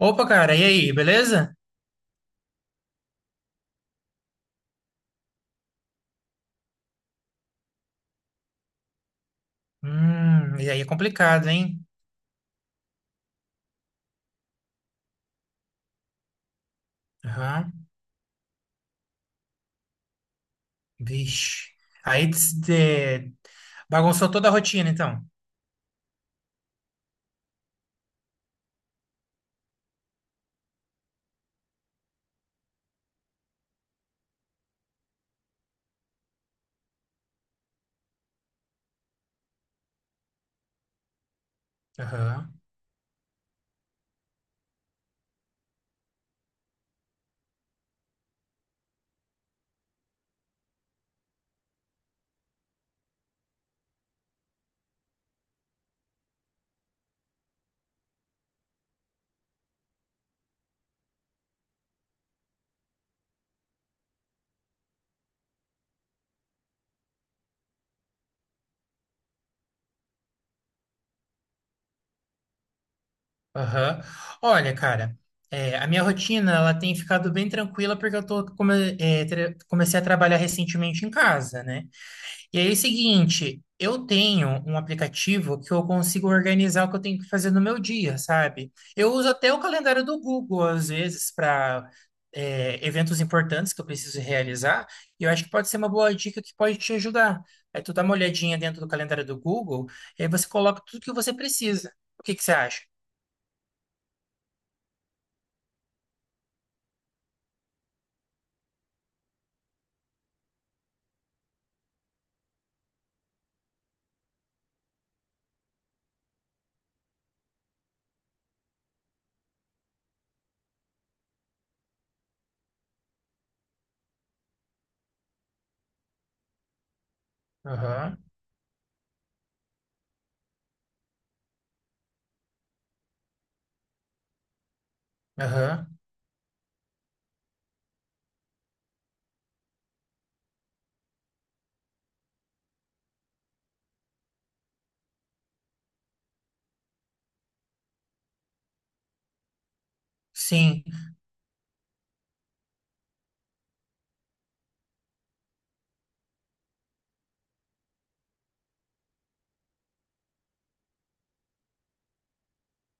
Opa, cara, e aí, beleza? E aí é complicado, hein? Aham. Vixe. Aí bagunçou toda a rotina, então. Aham, aham. Olha, cara, a minha rotina, ela tem ficado bem tranquila porque eu tô, come- é, tra- comecei a trabalhar recentemente em casa, né? E aí é o seguinte, eu tenho um aplicativo que eu consigo organizar o que eu tenho que fazer no meu dia, sabe? Eu uso até o calendário do Google, às vezes, para eventos importantes que eu preciso realizar, e eu acho que pode ser uma boa dica que pode te ajudar. Aí tu dá uma olhadinha dentro do calendário do Google, e aí você coloca tudo que você precisa. O que que você acha? Aham, aham, sim.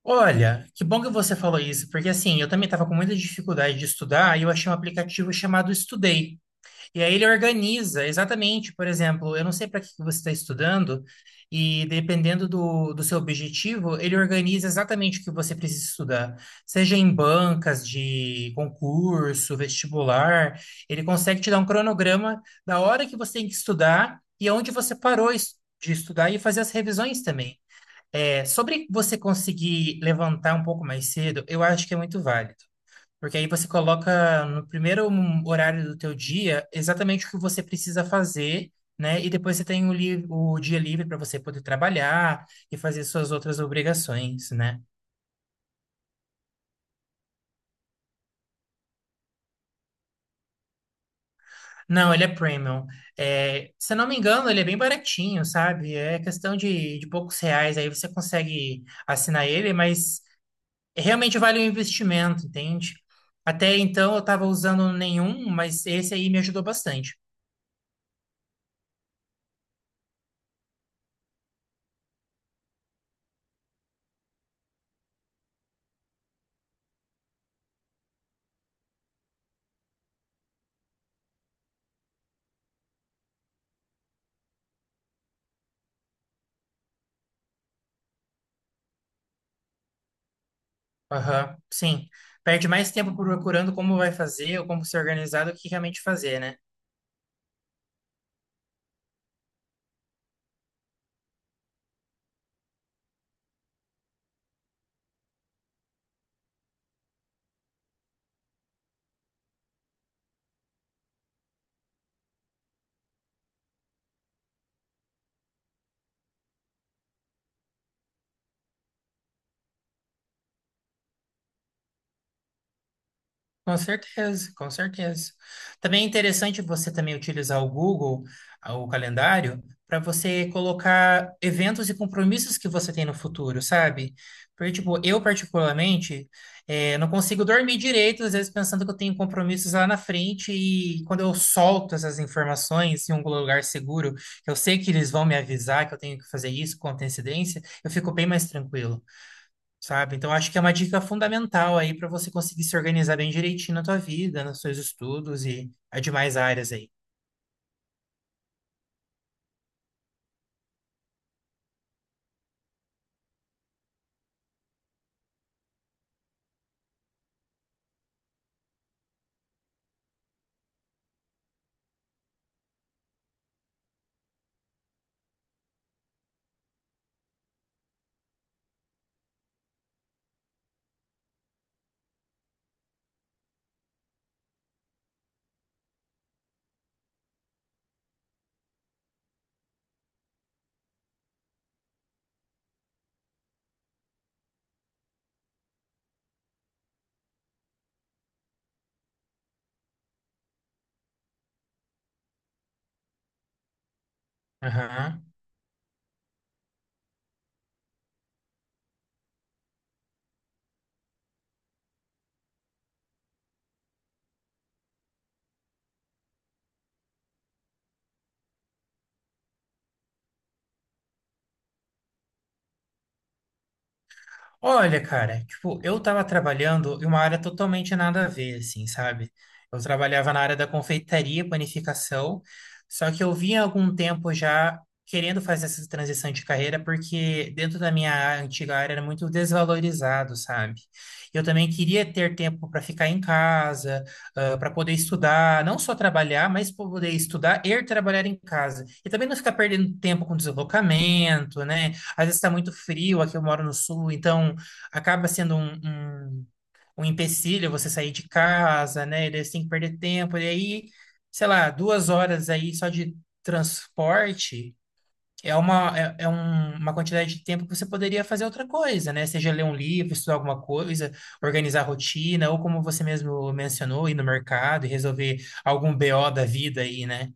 Olha, que bom que você falou isso, porque assim, eu também estava com muita dificuldade de estudar e eu achei um aplicativo chamado Estudei. E aí ele organiza, exatamente, por exemplo, eu não sei para que que você está estudando, e dependendo do seu objetivo, ele organiza exatamente o que você precisa estudar. Seja em bancas de concurso, vestibular, ele consegue te dar um cronograma da hora que você tem que estudar e onde você parou de estudar e fazer as revisões também. É, sobre você conseguir levantar um pouco mais cedo, eu acho que é muito válido. Porque aí você coloca no primeiro horário do teu dia exatamente o que você precisa fazer, né? E depois você tem o dia livre para você poder trabalhar e fazer suas outras obrigações, né? Não, ele é premium. É, se eu não me engano, ele é bem baratinho, sabe? É questão de poucos reais, aí você consegue assinar ele, mas realmente vale o investimento, entende? Até então eu estava usando nenhum, mas esse aí me ajudou bastante. Aham, sim. Perde mais tempo procurando como vai fazer ou como se organizar do que realmente fazer, né? Com certeza, com certeza. Também é interessante você também utilizar o Google, ah, o calendário, para você colocar eventos e compromissos que você tem no futuro, sabe? Porque, tipo, eu particularmente não consigo dormir direito, às vezes pensando que eu tenho compromissos lá na frente, e quando eu solto essas informações em um lugar seguro, que eu sei que eles vão me avisar que eu tenho que fazer isso com antecedência, eu fico bem mais tranquilo, sabe? Então, acho que é uma dica fundamental aí para você conseguir se organizar bem direitinho na tua vida, nos seus estudos e as demais áreas aí. Aham. Olha, cara, tipo, eu tava trabalhando em uma área totalmente nada a ver, assim, sabe? Eu trabalhava na área da confeitaria, panificação, só que eu vinha há algum tempo já querendo fazer essa transição de carreira, porque dentro da minha antiga área era muito desvalorizado, sabe? Eu também queria ter tempo para ficar em casa, para poder estudar, não só trabalhar, mas poder estudar e trabalhar em casa. E também não ficar perdendo tempo com deslocamento, né? Às vezes está muito frio, aqui eu moro no sul, então acaba sendo um empecilho você sair de casa, né? E daí você tem que perder tempo. E aí, sei lá, duas horas aí só de transporte é uma, é, é um- uma quantidade de tempo que você poderia fazer outra coisa, né? Seja ler um livro, estudar alguma coisa, organizar a rotina, ou como você mesmo mencionou, ir no mercado e resolver algum BO da vida aí, né?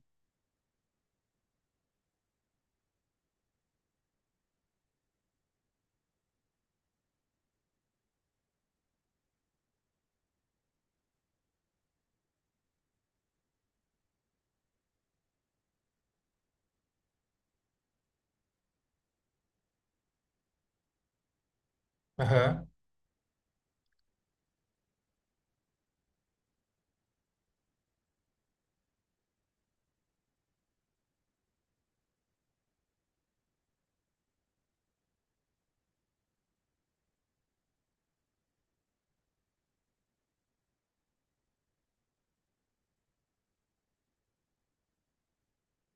Aham,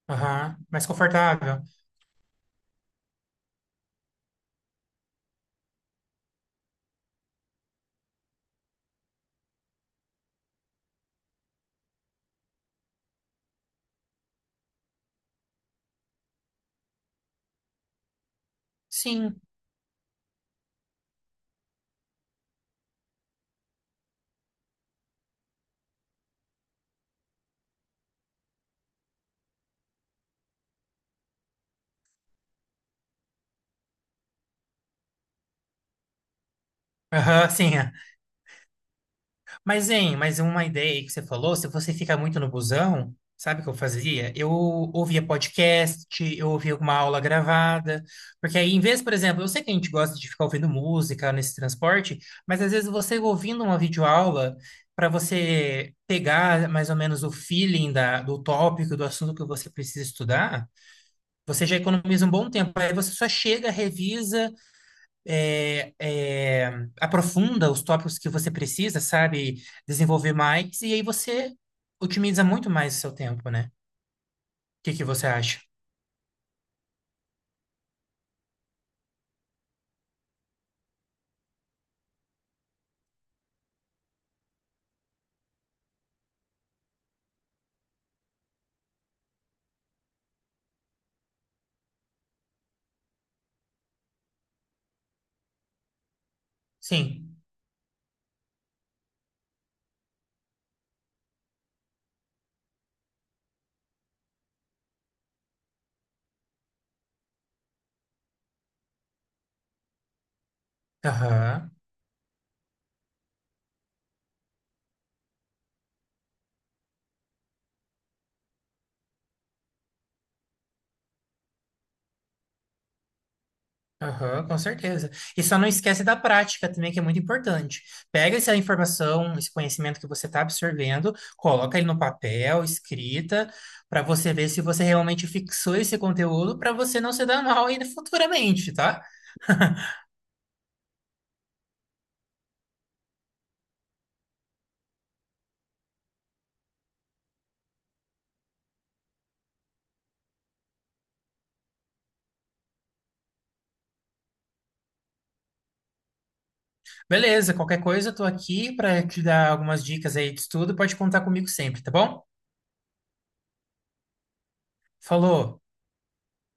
aham. Mais confortável. Sim. Aham, sim. É. Mas, hein, mas uma ideia aí que você falou, se você fica muito no busão, sabe o que eu fazia? Eu ouvia podcast, eu ouvia alguma aula gravada, porque aí, em vez, por exemplo, eu sei que a gente gosta de ficar ouvindo música nesse transporte, mas às vezes você ouvindo uma videoaula, para você pegar mais ou menos o feeling da, do tópico, do assunto que você precisa estudar, você já economiza um bom tempo. Aí você só chega, revisa, é, é, aprofunda os tópicos que você precisa, sabe? Desenvolver mais, e aí você otimiza muito mais o seu tempo, né? O que que você acha? Sim. Aham. Aham, com certeza. E só não esquece da prática também, que é muito importante. Pega essa informação, esse conhecimento que você está absorvendo, coloca ele no papel, escrita, para você ver se você realmente fixou esse conteúdo, para você não se dar mal ainda futuramente, tá? Beleza, qualquer coisa, eu tô aqui para te dar algumas dicas aí de estudo. Pode contar comigo sempre, tá bom? Falou!